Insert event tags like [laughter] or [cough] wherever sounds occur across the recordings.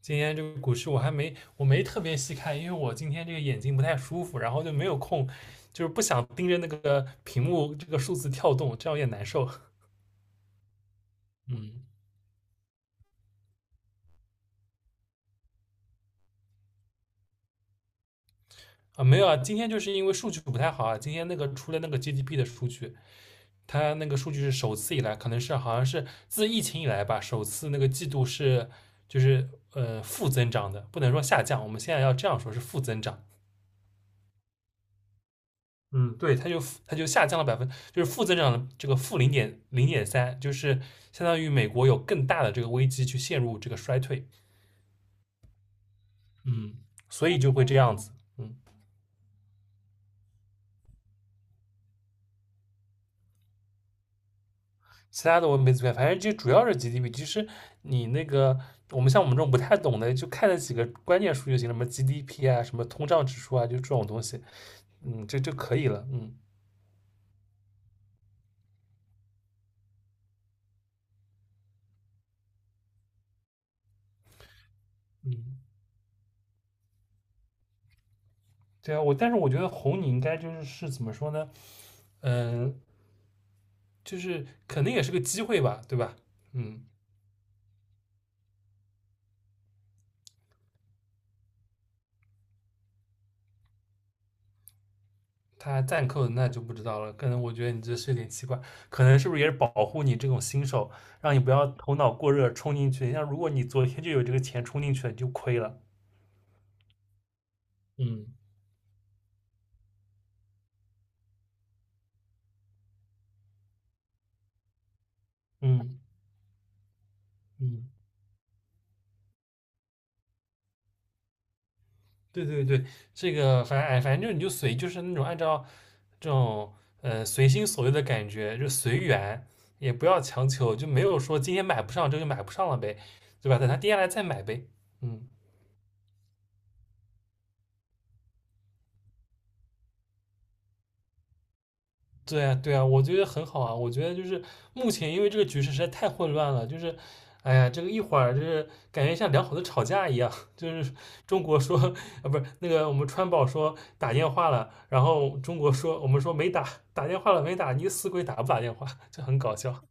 今天这个股市我没特别细看，因为我今天这个眼睛不太舒服，然后就没有空，就是不想盯着那个屏幕这个数字跳动，这样有点难受。嗯啊，没有啊，今天就是因为数据不太好啊，今天那个出了那个 GDP 的数据，它那个数据是首次以来，可能是好像是自疫情以来吧，首次那个季度是就是负增长的，不能说下降，我们现在要这样说是负增长，嗯，对，它就下降了百分，就是负增长的这个负零点三，就是相当于美国有更大的这个危机去陷入这个衰退，嗯，所以就会这样子，嗯，其他的我没怎么看，反正就主要是 GDP，其实你那个像我们这种不太懂的，就看了几个关键数就行了，什么 GDP 啊，什么通胀指数啊，就这种东西，嗯，这就可以了，嗯嗯，对啊，但是我觉得红你应该就是怎么说呢，嗯，就是肯定也是个机会吧，对吧，嗯。他暂扣的那就不知道了，可能我觉得你这是有点奇怪，可能是不是也是保护你这种新手，让你不要头脑过热冲进去。像如果你昨天就有这个钱冲进去了，你就亏了。嗯嗯嗯，对对对，这个反正哎，反正就你就随，就是那种按照这种随心所欲的感觉，就随缘，也不要强求，就没有说今天买不上这个就买不上了呗，对吧？等它跌下来再买呗。嗯。对啊，对啊，我觉得很好啊。我觉得就是目前因为这个局势实在太混乱了，就是，哎呀，这个一会儿就是感觉像两口子吵架一样，[laughs] 就是中国说啊，不是那个我们川宝说打电话了，然后中国说我们说没打，打电话了没打，你死鬼打不打电话，[laughs] 就很搞笑。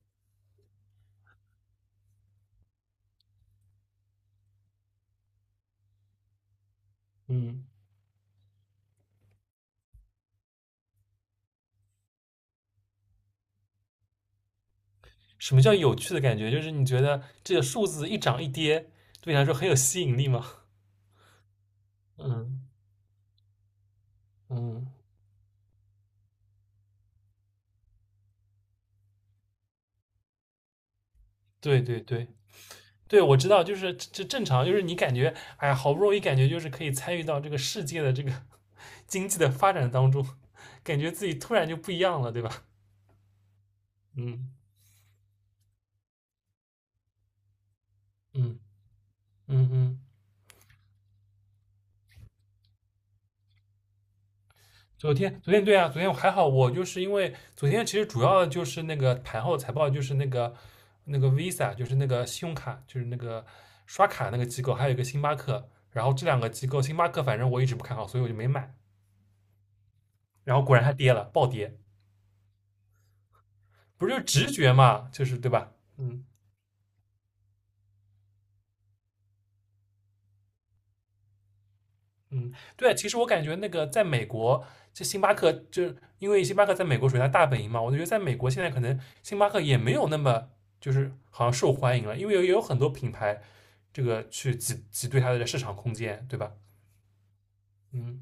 嗯，什么叫有趣的感觉？就是你觉得这个数字一涨一跌，对你来说很有吸引力吗？嗯嗯，对对对。对，我知道，就是这正常，就是你感觉，哎呀，好不容易感觉就是可以参与到这个世界的这个经济的发展当中，感觉自己突然就不一样了，对吧？嗯嗯嗯嗯。昨天对啊，昨天我还好，我就是因为昨天其实主要就是那个盘后财报，就是那个Visa，就是那个信用卡，就是那个刷卡那个机构，还有一个星巴克，然后这两个机构，星巴克反正我一直不看好，所以我就没买，然后果然它跌了，暴跌，不是就直觉嘛，就是对吧？嗯。嗯，对，其实我感觉那个在美国，这星巴克就因为星巴克在美国属于它大本营嘛，我就觉得在美国现在可能星巴克也没有那么就是好像受欢迎了，因为也有很多品牌这个去挤兑它的市场空间，对吧？嗯，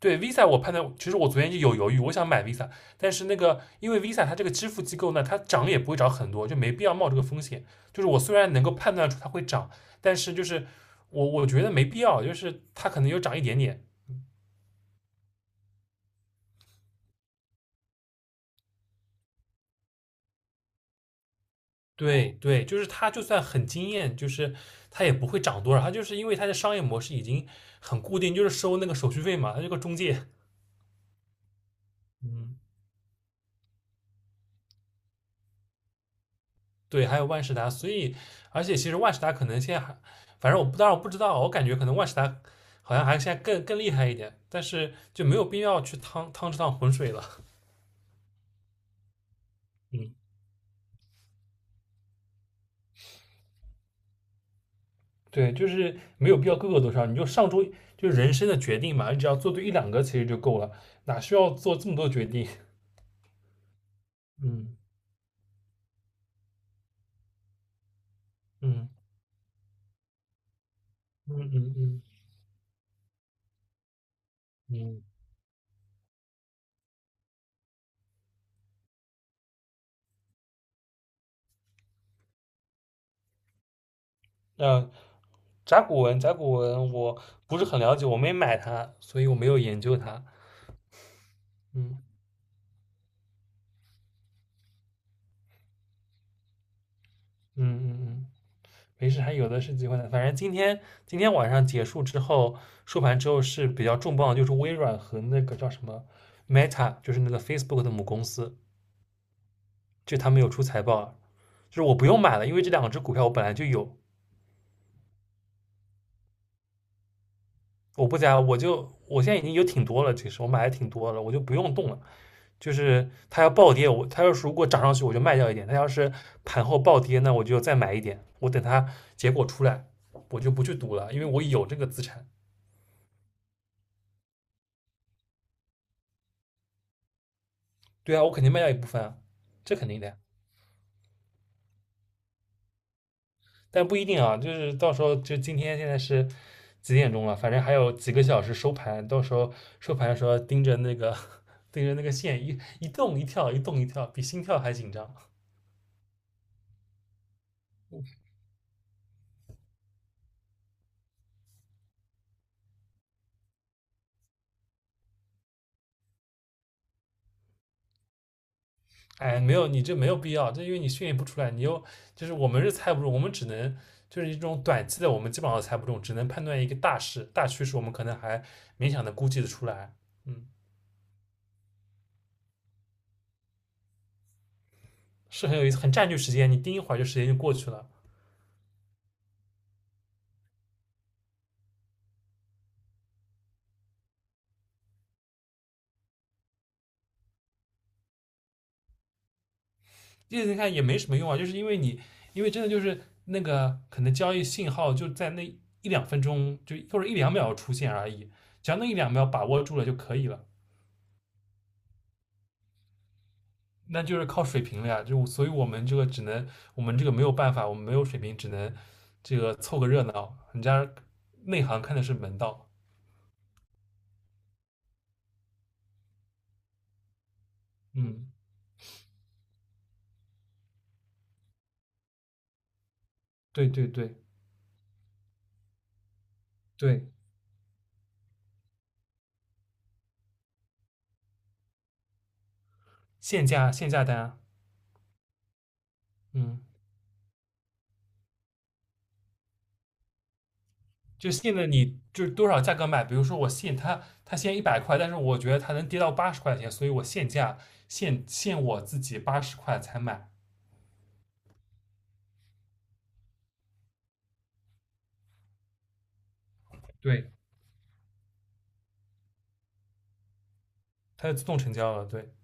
对，Visa 我判断，其实我昨天就有犹豫，我想买 Visa，但是那个因为 Visa 它这个支付机构呢，它涨也不会涨很多，就没必要冒这个风险。就是我虽然能够判断出它会涨，但是就是我觉得没必要，就是它可能有涨一点点。对对，就是他就算很惊艳，就是他也不会涨多少，他就是因为他的商业模式已经很固定，就是收那个手续费嘛，他这个中介，嗯，对，还有万事达，所以而且其实万事达可能现在还，反正我不当然我不知道，我感觉可能万事达好像还现在更厉害一点，但是就没有必要去趟趟这趟浑水了，嗯，对，就是没有必要各个都上，你就上周就是人生的决定嘛，你只要做对一两个其实就够了，哪需要做这么多决定？嗯嗯嗯嗯嗯。嗯嗯嗯，呃，甲骨文，我不是很了解，我没买它，所以我没有研究它。嗯嗯嗯嗯，没事，还有的是机会的。反正今天晚上结束之后，收盘之后是比较重磅的就是微软和那个叫什么 Meta，就是那个 Facebook 的母公司，就他们有出财报了。就是我不用买了，因为这两只股票我本来就有，我不加，我现在已经有挺多了，其实我买的挺多了，我就不用动了。就是它要暴跌，它要是如果涨上去我就卖掉一点，它要是盘后暴跌那我就再买一点，我等它结果出来我就不去赌了，因为我有这个资产。对啊，我肯定卖掉一部分啊，这肯定的呀。但不一定啊，就是到时候就今天现在是几点钟了，反正还有几个小时收盘，到时候收盘的时候盯着那个 [laughs] 盯着那个线一一动一跳一动一跳，比心跳还紧张。哎，没有，你这没有必要，这因为你训练不出来，你又就是我们是猜不中，我们只能就是一种短期的，我们基本上都猜不中，只能判断一个大趋势，我们可能还勉强的估计的出来，嗯，是很有意思，很占据时间，你盯一会儿就时间就过去了，你看也没什么用啊，就是因为因为真的就是那个可能交易信号就在那一两分钟就或者一两秒出现而已，只要那一两秒把握住了就可以了，那就是靠水平了呀。就所以我们这个只能，我们这个没有办法，我们没有水平，只能这个凑个热闹。人家内行看的是门道，嗯，对对对对，限价单啊，嗯，就现在你就是多少价格买。比如说我限它，它限一百块，但是我觉得它能跌到八十块钱，所以我限价限我自己八十块才买。对，它就自动成交了，对。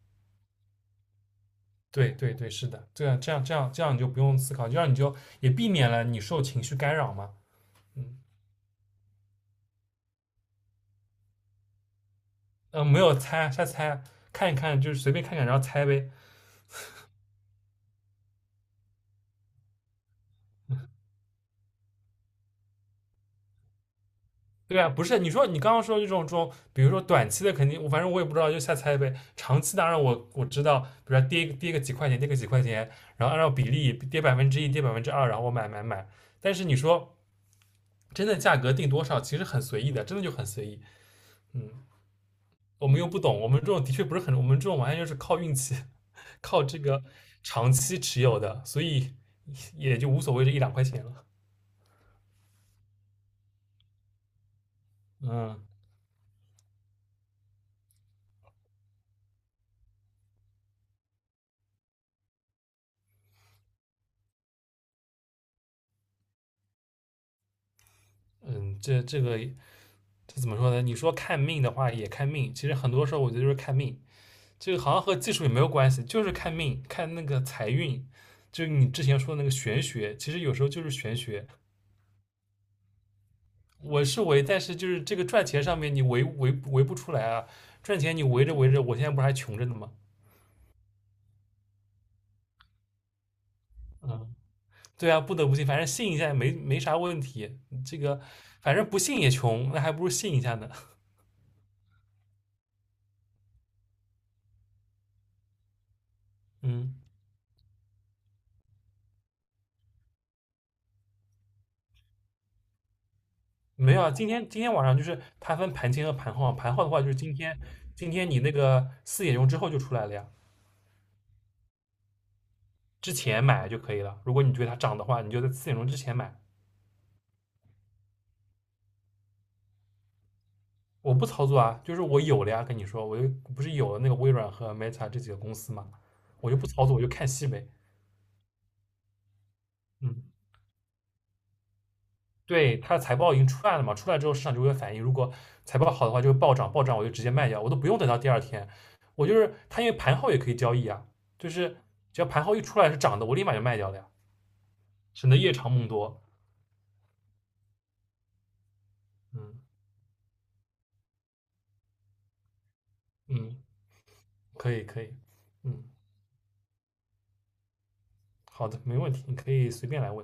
对对对，是的，这样你就不用思考，这样你就也避免了你受情绪干扰嘛。嗯没有猜，瞎猜，看一看，就是随便看看，然后猜呗。对啊，不是你刚刚说这种，比如说短期的肯定，我反正我也不知道，就瞎猜呗。长期当然我知道，比如说跌个几块钱，跌个几块钱，然后按照比例跌百分之一，跌百分之二，然后我买买买。但是你说真的价格定多少，其实很随意的，真的就很随意。嗯。我们又不懂，我们这种的确不是很，我们这种完全就是靠运气，靠这个长期持有的，所以也就无所谓这一两块钱了。嗯嗯，这怎么说呢？你说看命的话也看命，其实很多时候我觉得就是看命，这个好像和技术也没有关系，就是看命，看那个财运，就是你之前说的那个玄学，其实有时候就是玄学。我是围，但是就是这个赚钱上面你围不出来啊，赚钱你围着围着，我现在不是还穷着呢吗？嗯。对啊，不得不信，反正信一下也没啥问题。这个反正不信也穷，那还不如信一下呢。嗯，没有啊，今天晚上就是它分盘前和盘后的话就是今天你那个四点钟之后就出来了呀，之前买就可以了。如果你觉得它涨的话，你就在四点钟之前买。我不操作啊，就是我有了呀，跟你说，我又不是有了那个微软和 Meta 这几个公司嘛，我就不操作，我就看戏呗。嗯，对，它财报已经出来了嘛，出来之后市场就会反应，如果财报好的话就会暴涨，暴涨我就直接卖掉，我都不用等到第二天，我就是它因为盘后也可以交易啊，就是只要盘后一出来是涨的，我立马就卖掉了呀，省得夜长梦多。嗯嗯，可以可以，嗯，好的，没问题，你可以随便来问。